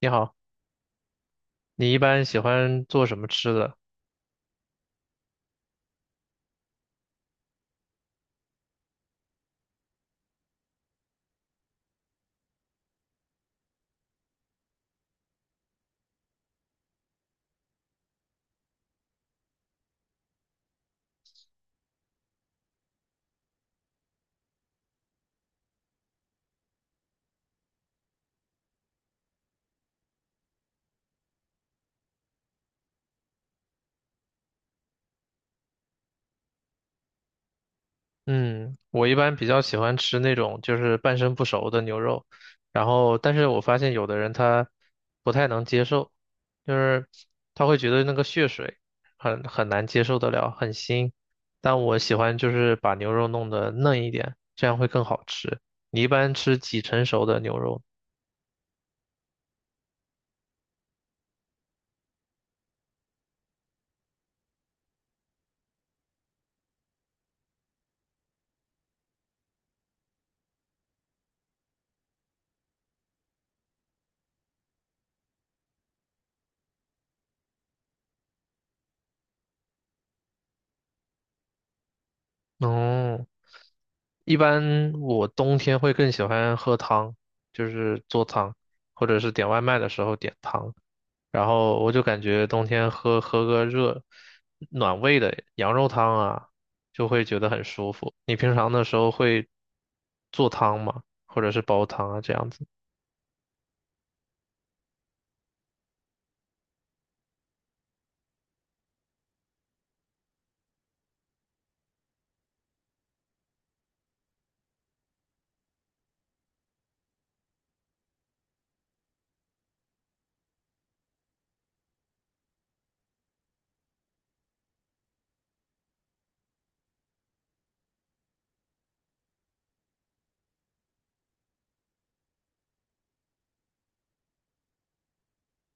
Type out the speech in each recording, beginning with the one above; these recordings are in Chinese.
你好，你一般喜欢做什么吃的？嗯，我一般比较喜欢吃那种就是半生不熟的牛肉，然后但是我发现有的人他不太能接受，就是他会觉得那个血水很难接受得了，很腥。但我喜欢就是把牛肉弄得嫩一点，这样会更好吃。你一般吃几成熟的牛肉呢？哦，一般我冬天会更喜欢喝汤，就是做汤，或者是点外卖的时候点汤。然后我就感觉冬天喝个热暖胃的羊肉汤啊，就会觉得很舒服。你平常的时候会做汤吗？或者是煲汤啊这样子？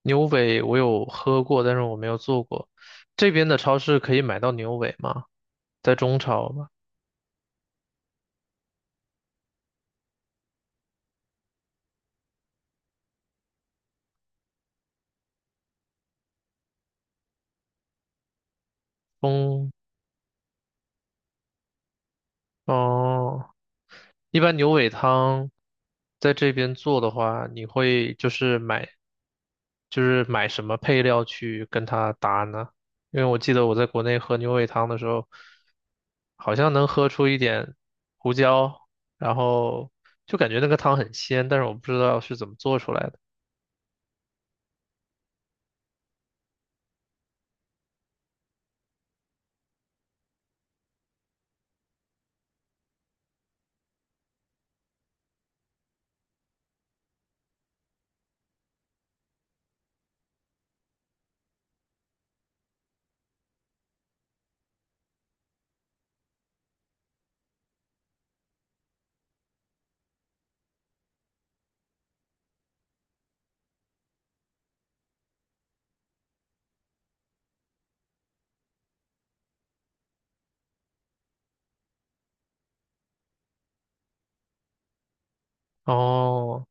牛尾我有喝过，但是我没有做过。这边的超市可以买到牛尾吗？在中超吗？中，哦。一般牛尾汤在这边做的话，你会就是买，就是买什么配料去跟它搭呢？因为我记得我在国内喝牛尾汤的时候，好像能喝出一点胡椒，然后就感觉那个汤很鲜，但是我不知道是怎么做出来的。哦，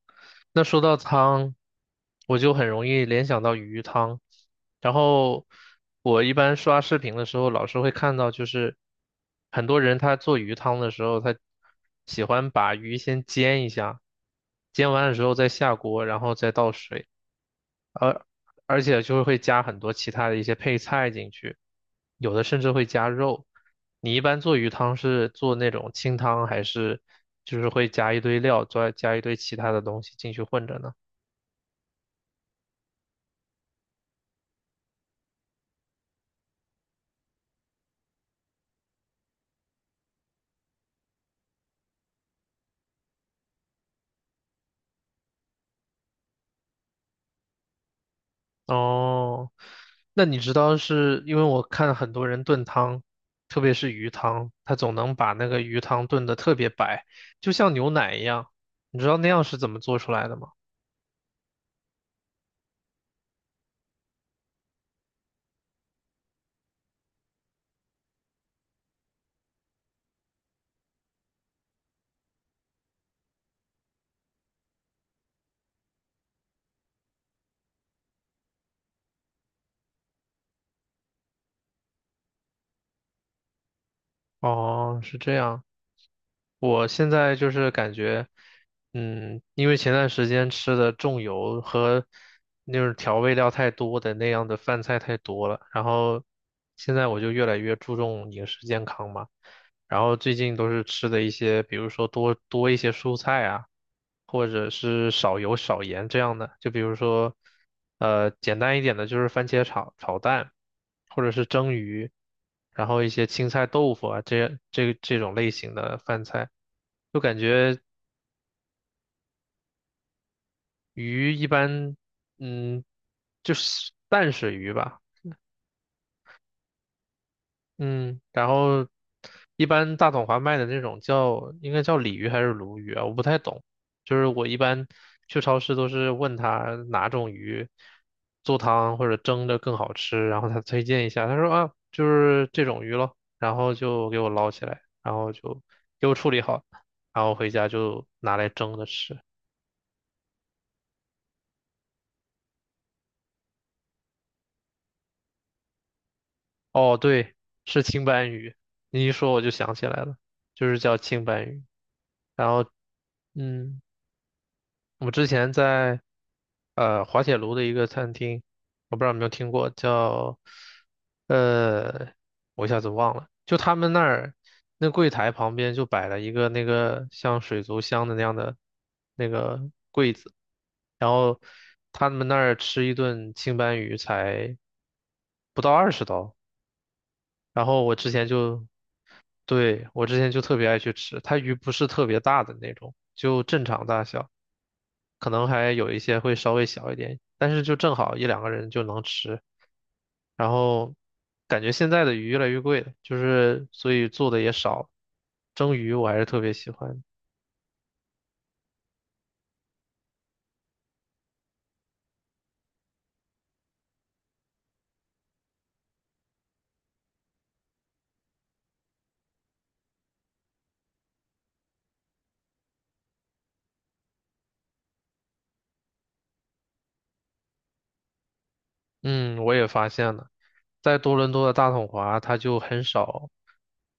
那说到汤，我就很容易联想到鱼汤。然后我一般刷视频的时候，老是会看到，就是很多人他做鱼汤的时候，他喜欢把鱼先煎一下，煎完了之后再下锅，然后再倒水。而而且就是会加很多其他的一些配菜进去，有的甚至会加肉。你一般做鱼汤是做那种清汤，还是就是会加一堆料，再加一堆其他的东西进去混着呢？哦，那你知道是因为我看很多人炖汤，特别是鱼汤，他总能把那个鱼汤炖得特别白，就像牛奶一样。你知道那样是怎么做出来的吗？哦，是这样。我现在就是感觉，嗯，因为前段时间吃的重油和那种调味料太多的那样的饭菜太多了，然后现在我就越来越注重饮食健康嘛。然后最近都是吃的一些，比如说多多一些蔬菜啊，或者是少油少盐这样的。就比如说，简单一点的就是番茄炒蛋，或者是蒸鱼，然后一些青菜豆腐啊，这种类型的饭菜，就感觉鱼一般，嗯，就是淡水鱼吧。嗯，然后一般大统华卖的那种叫应该叫鲤鱼还是鲈鱼啊？我不太懂，就是我一般去超市都是问他哪种鱼做汤或者蒸着更好吃，然后他推荐一下，他说啊就是这种鱼咯，然后就给我捞起来，然后就给我处理好，然后回家就拿来蒸着吃。哦，对，是青斑鱼，你一说我就想起来了，就是叫青斑鱼，然后。嗯，我之前在滑铁卢的一个餐厅，我不知道有没有听过，叫呃，我一下子忘了，就他们那儿那柜台旁边就摆了一个那个像水族箱的那样的那个柜子，然后他们那儿吃一顿青斑鱼才不到20刀，然后我之前就，对，我之前就特别爱去吃，它鱼不是特别大的那种，就正常大小。可能还有一些会稍微小一点，但是就正好一两个人就能吃。然后感觉现在的鱼越来越贵了，就是所以做的也少。蒸鱼我还是特别喜欢，嗯，我也发现了。在多伦多的大统华，它就很少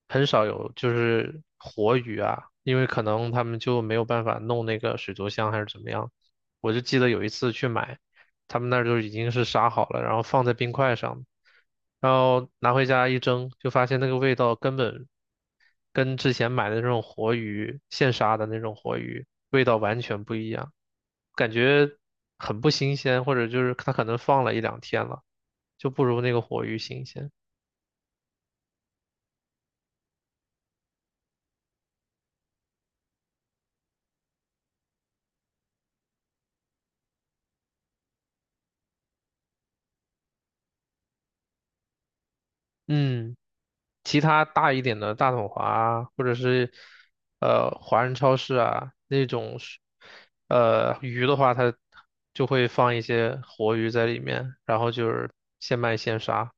很少有就是活鱼啊，因为可能他们就没有办法弄那个水族箱还是怎么样。我就记得有一次去买，他们那儿就已经是杀好了，然后放在冰块上，然后拿回家一蒸，就发现那个味道根本跟之前买的那种活鱼，现杀的那种活鱼，味道完全不一样，感觉很不新鲜，或者就是它可能放了一两天了，就不如那个活鱼新鲜。嗯，其他大一点的大统华啊，或者是华人超市啊那种是，鱼的话，它就会放一些活鱼在里面，然后就是现卖现杀，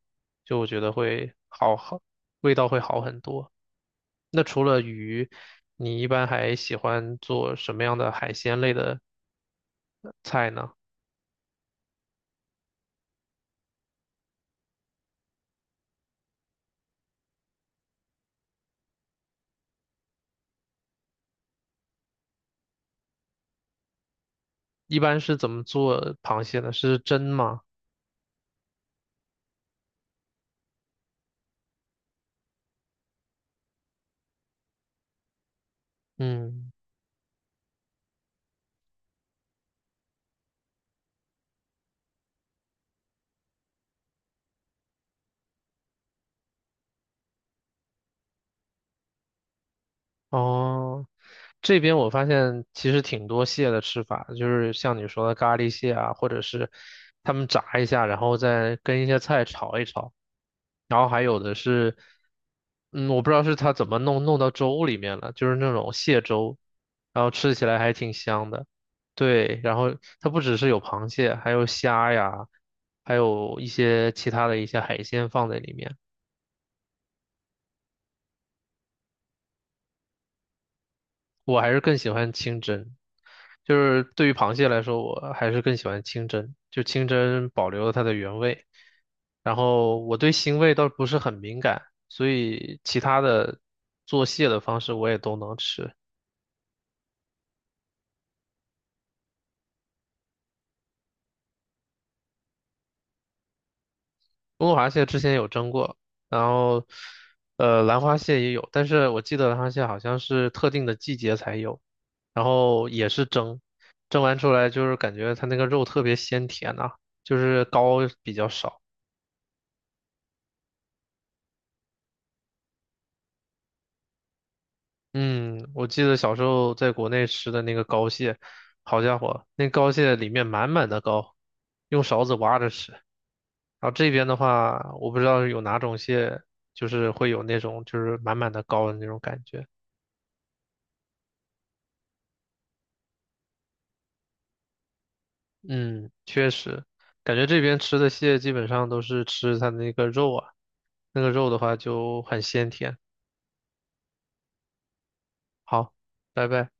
就我觉得会好，味道会好很多。那除了鱼，你一般还喜欢做什么样的海鲜类的菜呢？一般是怎么做螃蟹的？是蒸吗？嗯，哦。这边我发现其实挺多蟹的吃法，就是像你说的咖喱蟹啊，或者是他们炸一下，然后再跟一些菜炒一炒，然后还有的是，嗯，我不知道是它怎么弄到粥里面了，就是那种蟹粥，然后吃起来还挺香的。对，然后它不只是有螃蟹，还有虾呀，还有一些其他的一些海鲜放在里面。我还是更喜欢清蒸，就是对于螃蟹来说，我还是更喜欢清蒸，就清蒸保留了它的原味。然后我对腥味倒不是很敏感，所以其他的做蟹的方式我也都能吃。中国螃蟹之前有蒸过，然后兰花蟹也有，但是我记得兰花蟹好像是特定的季节才有，然后也是蒸，蒸完出来就是感觉它那个肉特别鲜甜呐、就是膏比较少。嗯，我记得小时候在国内吃的那个膏蟹，好家伙，那膏蟹里面满满的膏，用勺子挖着吃。然后这边的话，我不知道有哪种蟹，就是会有那种就是满满的膏的那种感觉。嗯，确实，感觉这边吃的蟹基本上都是吃它那个肉啊，那个肉的话就很鲜甜。好，拜拜。